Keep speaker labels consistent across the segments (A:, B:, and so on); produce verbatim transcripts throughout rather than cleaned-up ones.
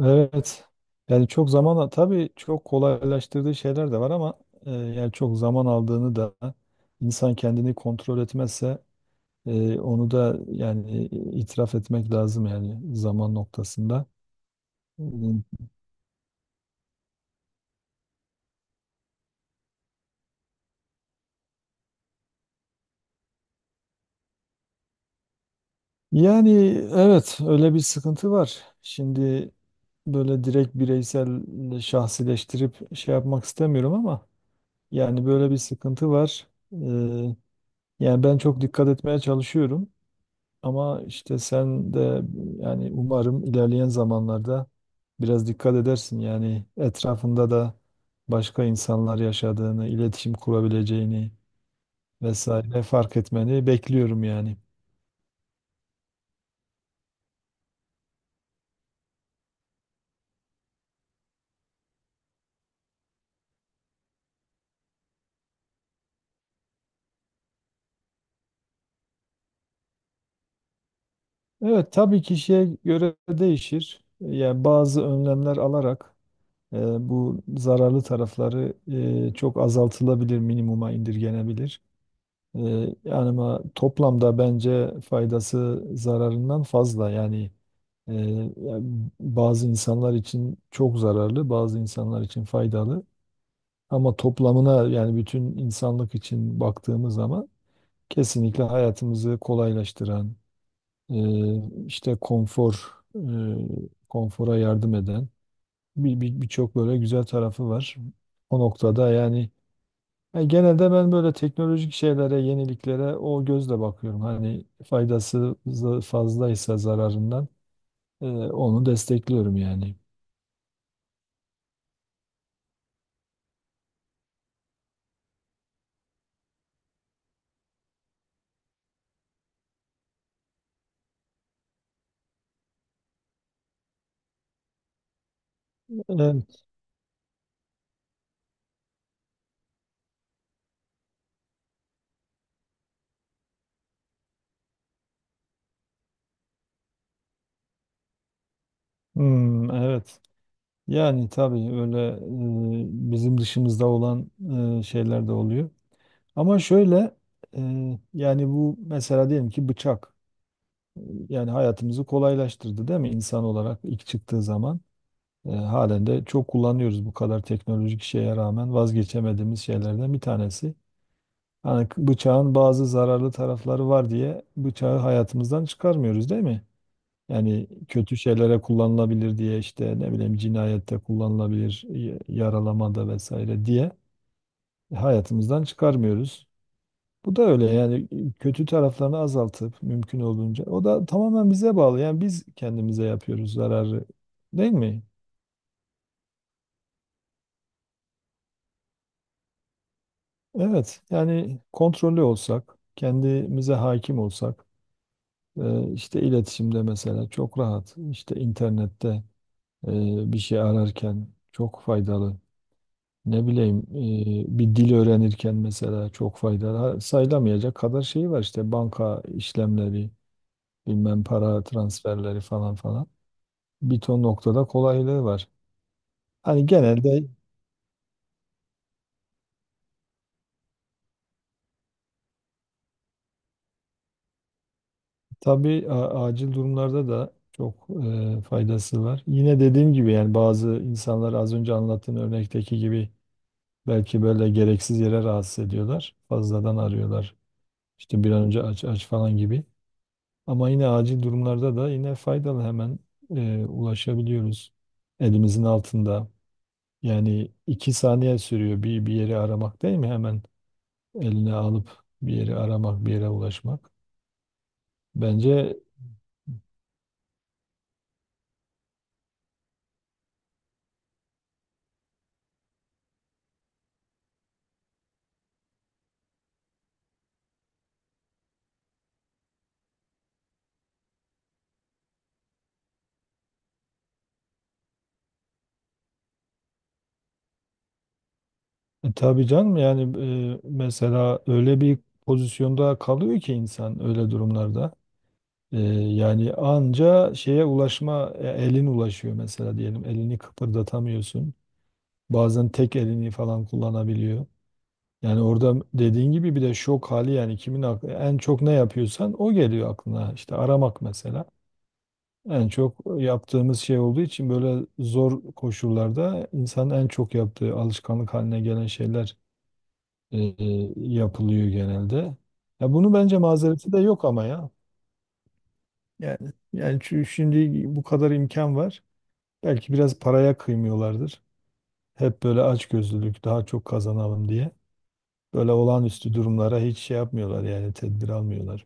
A: Evet. Yani çok zaman tabii çok kolaylaştırdığı şeyler de var ama e, yani çok zaman aldığını da insan kendini kontrol etmezse e, onu da yani e, itiraf etmek lazım yani zaman noktasında. Yani evet, öyle bir sıkıntı var. Şimdi böyle direkt bireysel e, şahsileştirip şey yapmak istemiyorum ama yani böyle bir sıkıntı var. E, Yani ben çok dikkat etmeye çalışıyorum. Ama işte sen de yani umarım ilerleyen zamanlarda biraz dikkat edersin. Yani etrafında da başka insanlar yaşadığını, iletişim kurabileceğini vesaire fark etmeni bekliyorum yani. Evet tabii kişiye göre değişir. Yani bazı önlemler alarak e, bu zararlı tarafları e, çok azaltılabilir, minimuma indirgenebilir. Ee, Yani ama toplamda bence faydası zararından fazla. Yani e, ya bazı insanlar için çok zararlı, bazı insanlar için faydalı. Ama toplamına yani bütün insanlık için baktığımız zaman kesinlikle hayatımızı kolaylaştıran, e, işte konfor, e, konfora yardım eden bir, bir, birçok böyle güzel tarafı var. O noktada yani. Yani genelde ben böyle teknolojik şeylere, yeniliklere o gözle bakıyorum. Hani faydası za- fazlaysa zararından e, onu destekliyorum yani. Evet. Hmm, evet. Yani tabii öyle e, bizim dışımızda olan e, şeyler de oluyor. Ama şöyle e, yani bu mesela diyelim ki bıçak e, yani hayatımızı kolaylaştırdı değil mi insan olarak ilk çıktığı zaman? E, halen de çok kullanıyoruz bu kadar teknolojik şeye rağmen vazgeçemediğimiz şeylerden bir tanesi. Hani k- bıçağın bazı zararlı tarafları var diye bıçağı hayatımızdan çıkarmıyoruz değil mi? Yani kötü şeylere kullanılabilir diye işte ne bileyim cinayette kullanılabilir, y- yaralamada vesaire diye hayatımızdan çıkarmıyoruz. Bu da öyle yani kötü taraflarını azaltıp mümkün olduğunca o da tamamen bize bağlı. Yani biz kendimize yapıyoruz zararı, değil mi? Evet, yani kontrollü olsak, kendimize hakim olsak, e, işte iletişimde mesela çok rahat, işte internette e, bir şey ararken çok faydalı. Ne bileyim e, bir dil öğrenirken mesela çok faydalı. Ha, sayılamayacak kadar şey var işte banka işlemleri, bilmem para transferleri falan falan. Bir ton noktada kolaylığı var. Hani genelde tabii a- acil durumlarda da çok e, faydası var. Yine dediğim gibi yani bazı insanlar az önce anlattığın örnekteki gibi belki böyle gereksiz yere rahatsız ediyorlar. Fazladan arıyorlar. İşte bir an önce aç aç falan gibi. Ama yine acil durumlarda da yine faydalı, hemen e, ulaşabiliyoruz. Elimizin altında. Yani iki saniye sürüyor bir, bir yeri aramak değil mi? Hemen eline alıp bir yeri aramak, bir yere ulaşmak. Bence e, tabii canım yani e, mesela öyle bir pozisyonda kalıyor ki insan öyle durumlarda. E, Yani anca şeye ulaşma e, elin ulaşıyor mesela, diyelim elini kıpırdatamıyorsun. Bazen tek elini falan kullanabiliyor. Yani orada dediğin gibi bir de şok hali yani kimin aklı, en çok ne yapıyorsan o geliyor aklına. İşte aramak mesela. En çok yaptığımız şey olduğu için böyle zor koşullarda insanın en çok yaptığı alışkanlık haline gelen şeyler e, e, yapılıyor genelde. Ya bunu bence mazereti de yok ama ya. Yani yani şu- şimdi bu kadar imkan var. Belki biraz paraya kıymıyorlardır. Hep böyle açgözlülük daha çok kazanalım diye. Böyle olağanüstü durumlara hiç şey yapmıyorlar yani tedbir almıyorlar.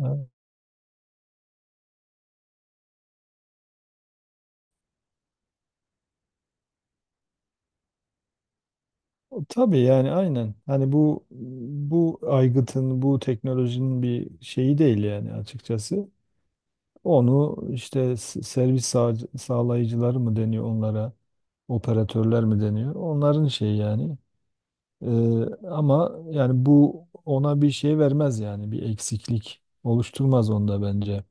A: Ha, tabii yani aynen. Hani bu bu aygıtın, bu teknolojinin bir şeyi değil yani açıkçası. Onu işte s- servis sağ, sağlayıcıları mı deniyor onlara, operatörler mi deniyor? Onların şeyi yani. Ee, Ama yani bu ona bir şey vermez yani bir eksiklik oluşturmaz onda bence.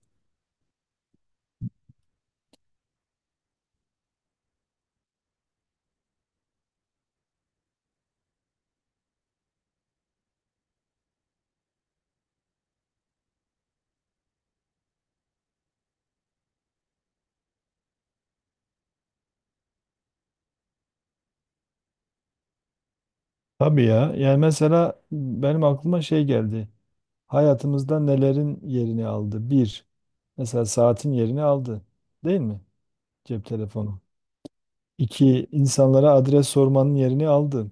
A: Tabii ya. Yani mesela benim aklıma şey geldi. Hayatımızda nelerin yerini aldı? Bir, mesela saatin yerini aldı. Değil mi? Cep telefonu. İki, insanlara adres sormanın yerini aldı.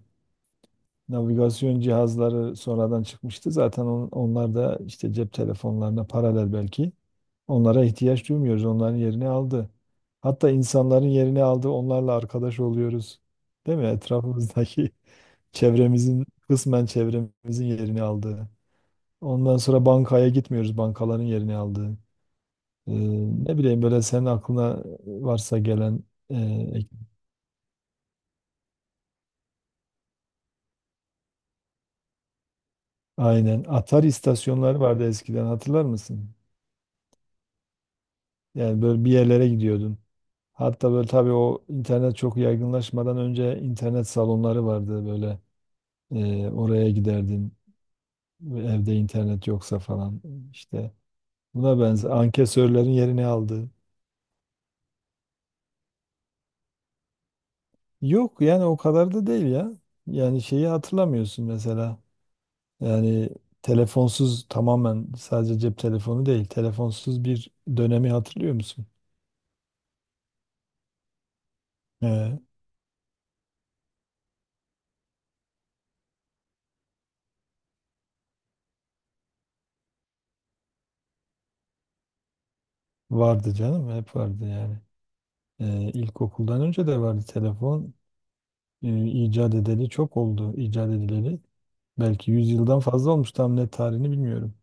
A: Navigasyon cihazları sonradan çıkmıştı. Zaten on- onlar da işte cep telefonlarına paralel belki. Onlara ihtiyaç duymuyoruz. Onların yerini aldı. Hatta insanların yerini aldı. Onlarla arkadaş oluyoruz. Değil mi? Etrafımızdaki çevremizin, kısmen çevremizin yerini aldı. Ondan sonra bankaya gitmiyoruz. Bankaların yerini aldı. Ee, Ne bileyim böyle senin aklına varsa gelen e, ek- aynen. Atari istasyonları vardı eskiden, hatırlar mısın? Yani böyle bir yerlere gidiyordun. Hatta böyle tabii o internet çok yaygınlaşmadan önce internet salonları vardı böyle. Ee, oraya giderdin evde internet yoksa falan, işte buna benzer ankesörlerin yerini aldı. Yok yani o kadar da değil ya. Yani şeyi hatırlamıyorsun mesela. Yani telefonsuz, tamamen sadece cep telefonu değil, telefonsuz bir dönemi hatırlıyor musun? Ee, Vardı canım, hep vardı yani. Ee, ilkokuldan önce de vardı telefon. e, icat edeli çok oldu, icat edileli. Belki yüz yıldan fazla olmuş, tam net tarihini bilmiyorum.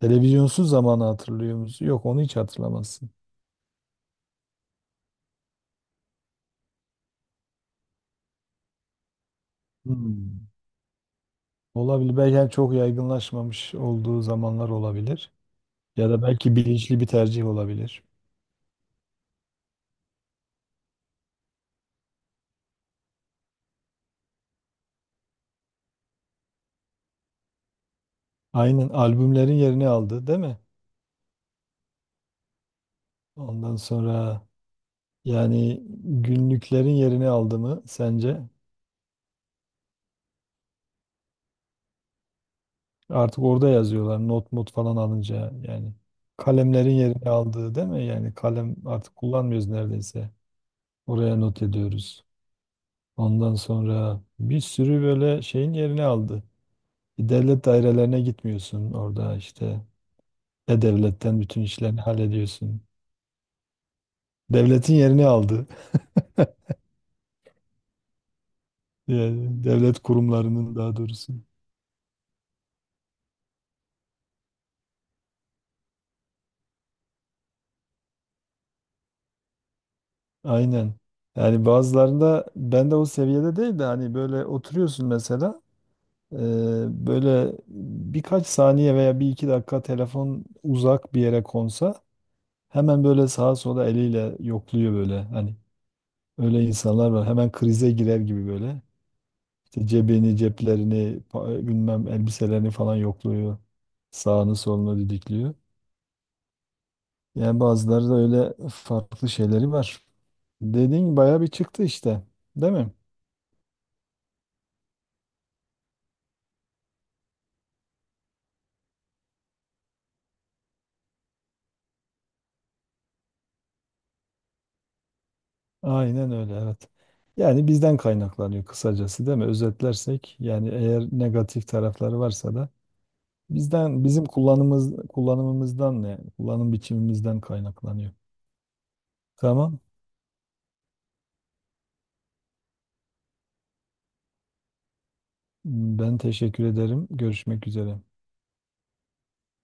A: Televizyonsuz zamanı hatırlıyor musun? Yok, onu hiç hatırlamazsın. Hmm. Olabilir. Belki yani çok yaygınlaşmamış olduğu zamanlar olabilir. Ya da belki bilinçli bir tercih olabilir. Aynen, albümlerin yerini aldı, değil mi? Ondan sonra yani günlüklerin yerini aldı mı sence? Artık orada yazıyorlar not mut falan alınca, yani kalemlerin yerini aldığı değil mi? Yani kalem artık kullanmıyoruz neredeyse. Oraya not ediyoruz. Ondan sonra bir sürü böyle şeyin yerini aldı. Devlet dairelerine gitmiyorsun, orada işte e-devletten bütün işlerini hallediyorsun. Devletin yerini aldı. Yani devlet kurumlarının daha doğrusu. Aynen. Yani bazılarında ben de o seviyede değil, de hani böyle oturuyorsun mesela. Ee, Böyle birkaç saniye veya bir iki dakika telefon uzak bir yere konsa hemen böyle sağa sola eliyle yokluyor böyle. Hani öyle insanlar var. Hemen krize girer gibi böyle. İşte cebini, ceplerini, pa- bilmem elbiselerini falan yokluyor. Sağını solunu didikliyor. Yani bazıları da öyle farklı şeyleri var. Dediğin bayağı bir çıktı işte. Değil mi? Aynen öyle, evet. Yani bizden kaynaklanıyor kısacası değil mi? Özetlersek yani eğer negatif tarafları varsa da bizden, bizim kullanımız kullanımımızdan ne? Kullanım biçimimizden kaynaklanıyor. Tamam. Ben teşekkür ederim. Görüşmek üzere.